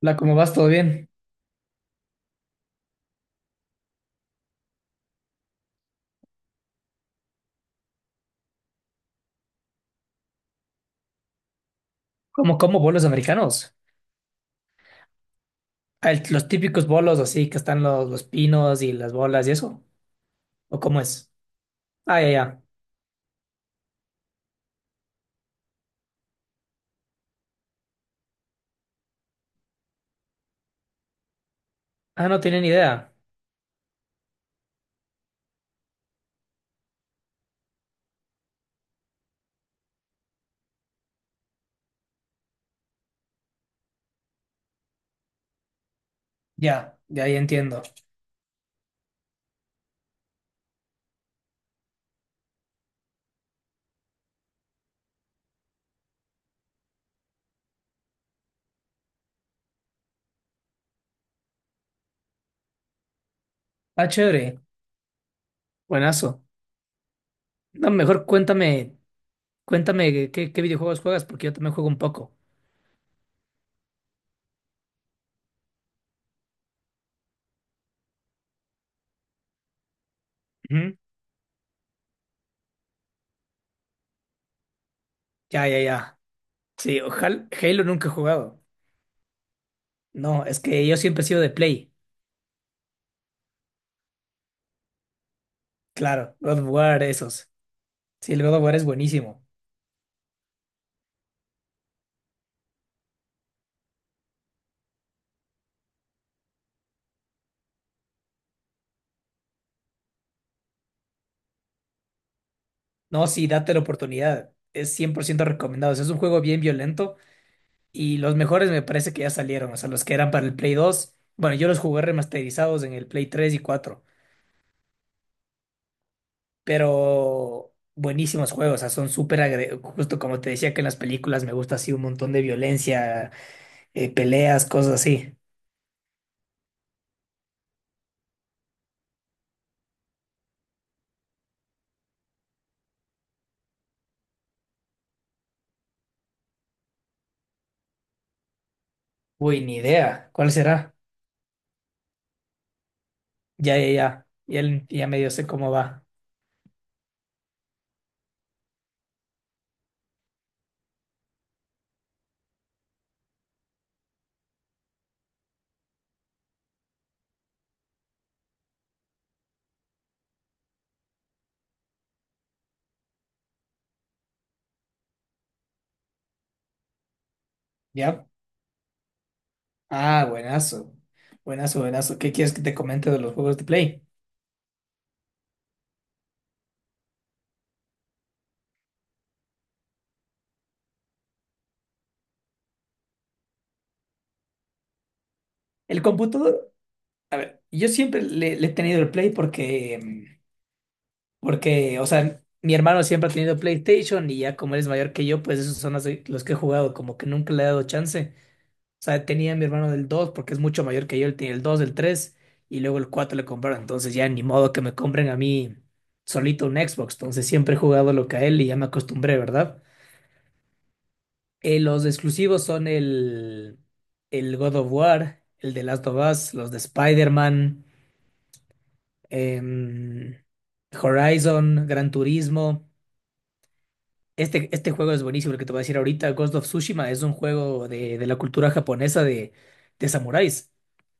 La, ¿cómo vas? ¿Todo bien? ¿Cómo como bolos americanos? Los típicos bolos así que están los pinos y las bolas y eso. ¿O cómo es? Ah, ya, ya. Ah, no tienen idea. Ya, ya, ya entiendo. Ah, chévere. Buenazo. No, mejor cuéntame, cuéntame qué videojuegos juegas porque yo también juego un poco. Ujú. Ya, ya, ya. Sí, ojalá Halo nunca he jugado. No, es que yo siempre he sido de Play. Claro, God of War, esos. Sí, el God of War es buenísimo. No, sí, date la oportunidad. Es 100% recomendado. O sea, es un juego bien violento y los mejores me parece que ya salieron. O sea, los que eran para el Play 2. Bueno, yo los jugué remasterizados en el Play 3 y cuatro, pero buenísimos juegos. O sea, justo como te decía que en las películas me gusta así un montón de violencia, peleas, cosas así. Uy, ni idea. ¿Cuál será? Ya, ya, ya. Ya medio sé cómo va. ¿Ya? Ah, buenazo. Buenazo, buenazo. ¿Qué quieres que te comente de los juegos de Play? El computador. Yo siempre le he tenido el Play porque, porque, o sea, mi hermano siempre ha tenido PlayStation y ya como él es mayor que yo, pues esos son los que he jugado, como que nunca le he dado chance. O sea, tenía a mi hermano del 2 porque es mucho mayor que yo, él tiene el dos, el 3 y luego el 4 le compraron. Entonces ya ni modo que me compren a mí solito un Xbox. Entonces siempre he jugado lo que a él y ya me acostumbré, ¿verdad? Los exclusivos son el God of War, el de Last of Us, los de Spider-Man, em, Horizon, Gran Turismo. Este juego es buenísimo, el que te voy a decir ahorita, Ghost of Tsushima, es un juego de la cultura japonesa de samuráis.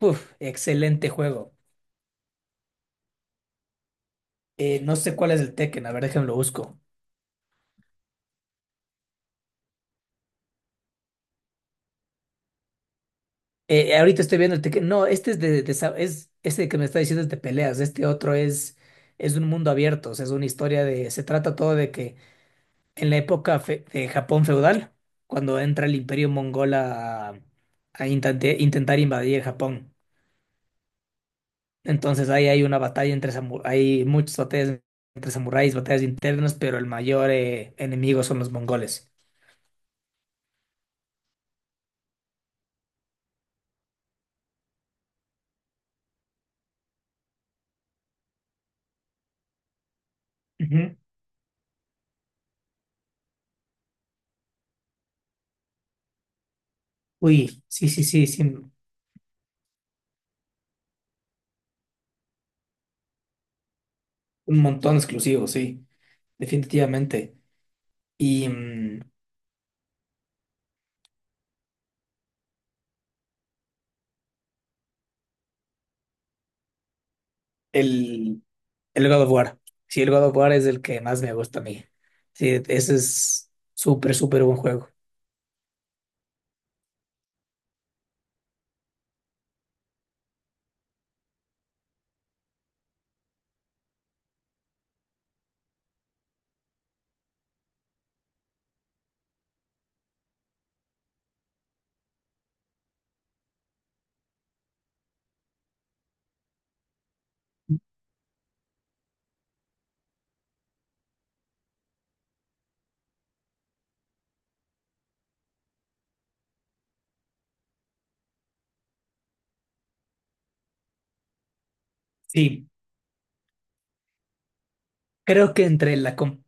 Uf, excelente juego. No sé cuál es el Tekken, a ver, déjame lo busco. Ahorita estoy viendo el Tekken. No, este es de este que me está diciendo es de peleas, este otro es un mundo abierto, o sea, es una historia de, se trata todo de que en de Japón feudal, cuando entra el Imperio mongol a, intentar invadir Japón. Entonces ahí hay una batalla entre samuráis, hay muchas batallas entre samuráis, batallas internas, pero el mayor enemigo son los mongoles. Ujú. Uy, sí, sí, sí, sí, un montón exclusivo, sí, definitivamente. Y el, el God of War, sí, el God of War es el que más me gusta a mí. Sí, ese es súper, súper buen juego. Sí. Creo que entre la com-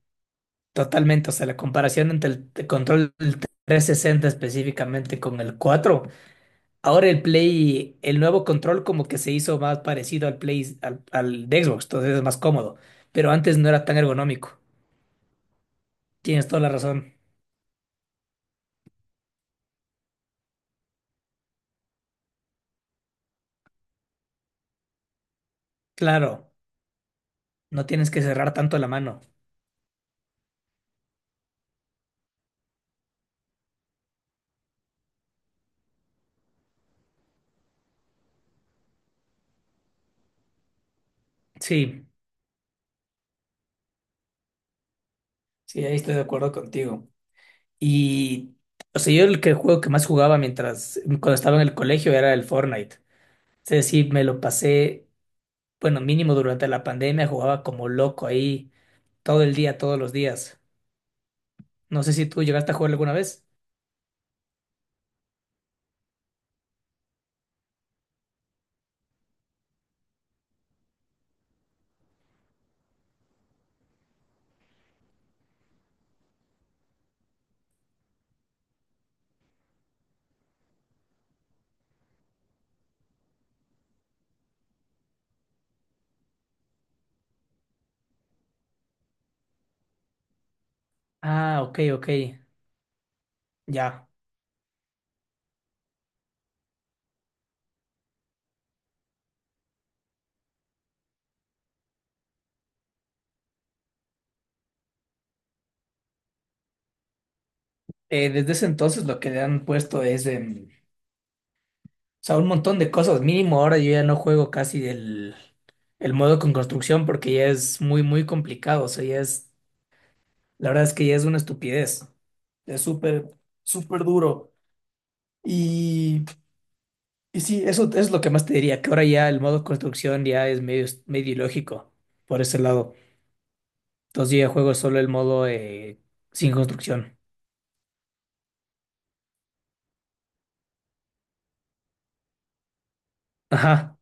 totalmente, o sea, la comparación entre control del 360 específicamente con el 4. Ahora el Play, el nuevo control como que se hizo más parecido al Play, al de Xbox, entonces es más cómodo, pero antes no era tan ergonómico. Tienes toda la razón. Claro, no tienes que cerrar tanto la mano. Sí, sí, ahí estoy de acuerdo contigo. Y, o sea, yo el que juego que más jugaba mientras, cuando estaba en el colegio era el Fortnite. Es decir, me lo pasé bueno, mínimo durante la pandemia jugaba como loco ahí todo el día, todos los días. No sé si tú llegaste a jugar alguna vez. Ah, ok, ok, ya. Desde ese entonces lo que le han puesto es, o sea, un montón de cosas. Mínimo ahora yo ya no juego casi el modo con construcción porque ya es muy, muy complicado. O sea, la verdad es que ya es una estupidez. Es súper, súper duro. Y Y sí, eso es lo que más te diría, que ahora ya el modo construcción ya es medio, medio ilógico por ese lado. Entonces yo ya juego solo el modo sin construcción. Ajá,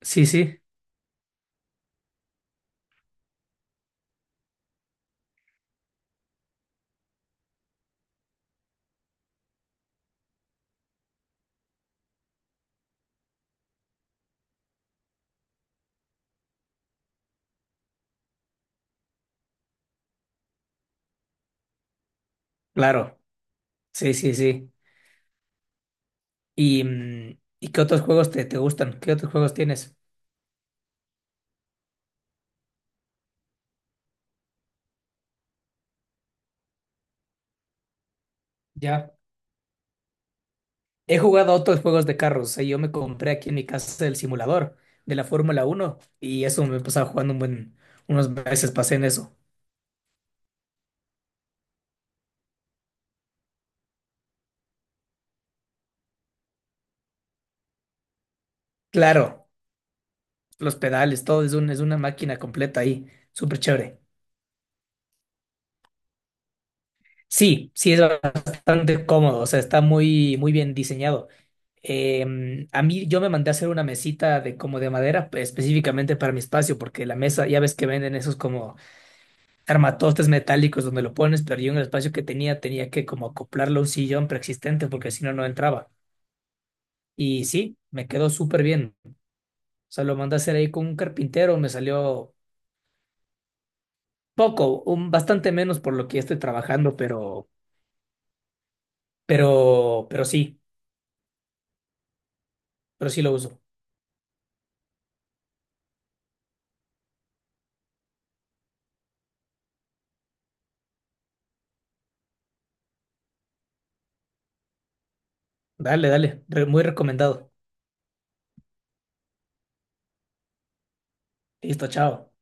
sí, sí, claro, sí, sí, sí. ¿Y, ¿y qué otros juegos te, te gustan? ¿Qué otros juegos tienes? Ya. He jugado a otros juegos de carros, o sea, yo me compré aquí en mi casa el simulador de la Fórmula uno y eso me pasaba jugando un buen, unos meses pasé en eso. Claro, los pedales, todo es es una máquina completa ahí, súper chévere. Sí, sí es bastante cómodo, o sea, está muy, muy bien diseñado. A mí yo me mandé a hacer una mesita de como de madera pues, específicamente para mi espacio, porque la mesa, ya ves que venden esos como armatostes metálicos donde lo pones, pero yo en el espacio que tenía tenía que como acoplarlo a un sillón preexistente porque si no, no entraba. Y sí, me quedó súper bien. O sea, lo mandé a hacer ahí con un carpintero, me salió poco, bastante menos por lo que estoy trabajando, pero, pero sí, pero sí lo uso. Dale, dale, muy recomendado. Listo, chao.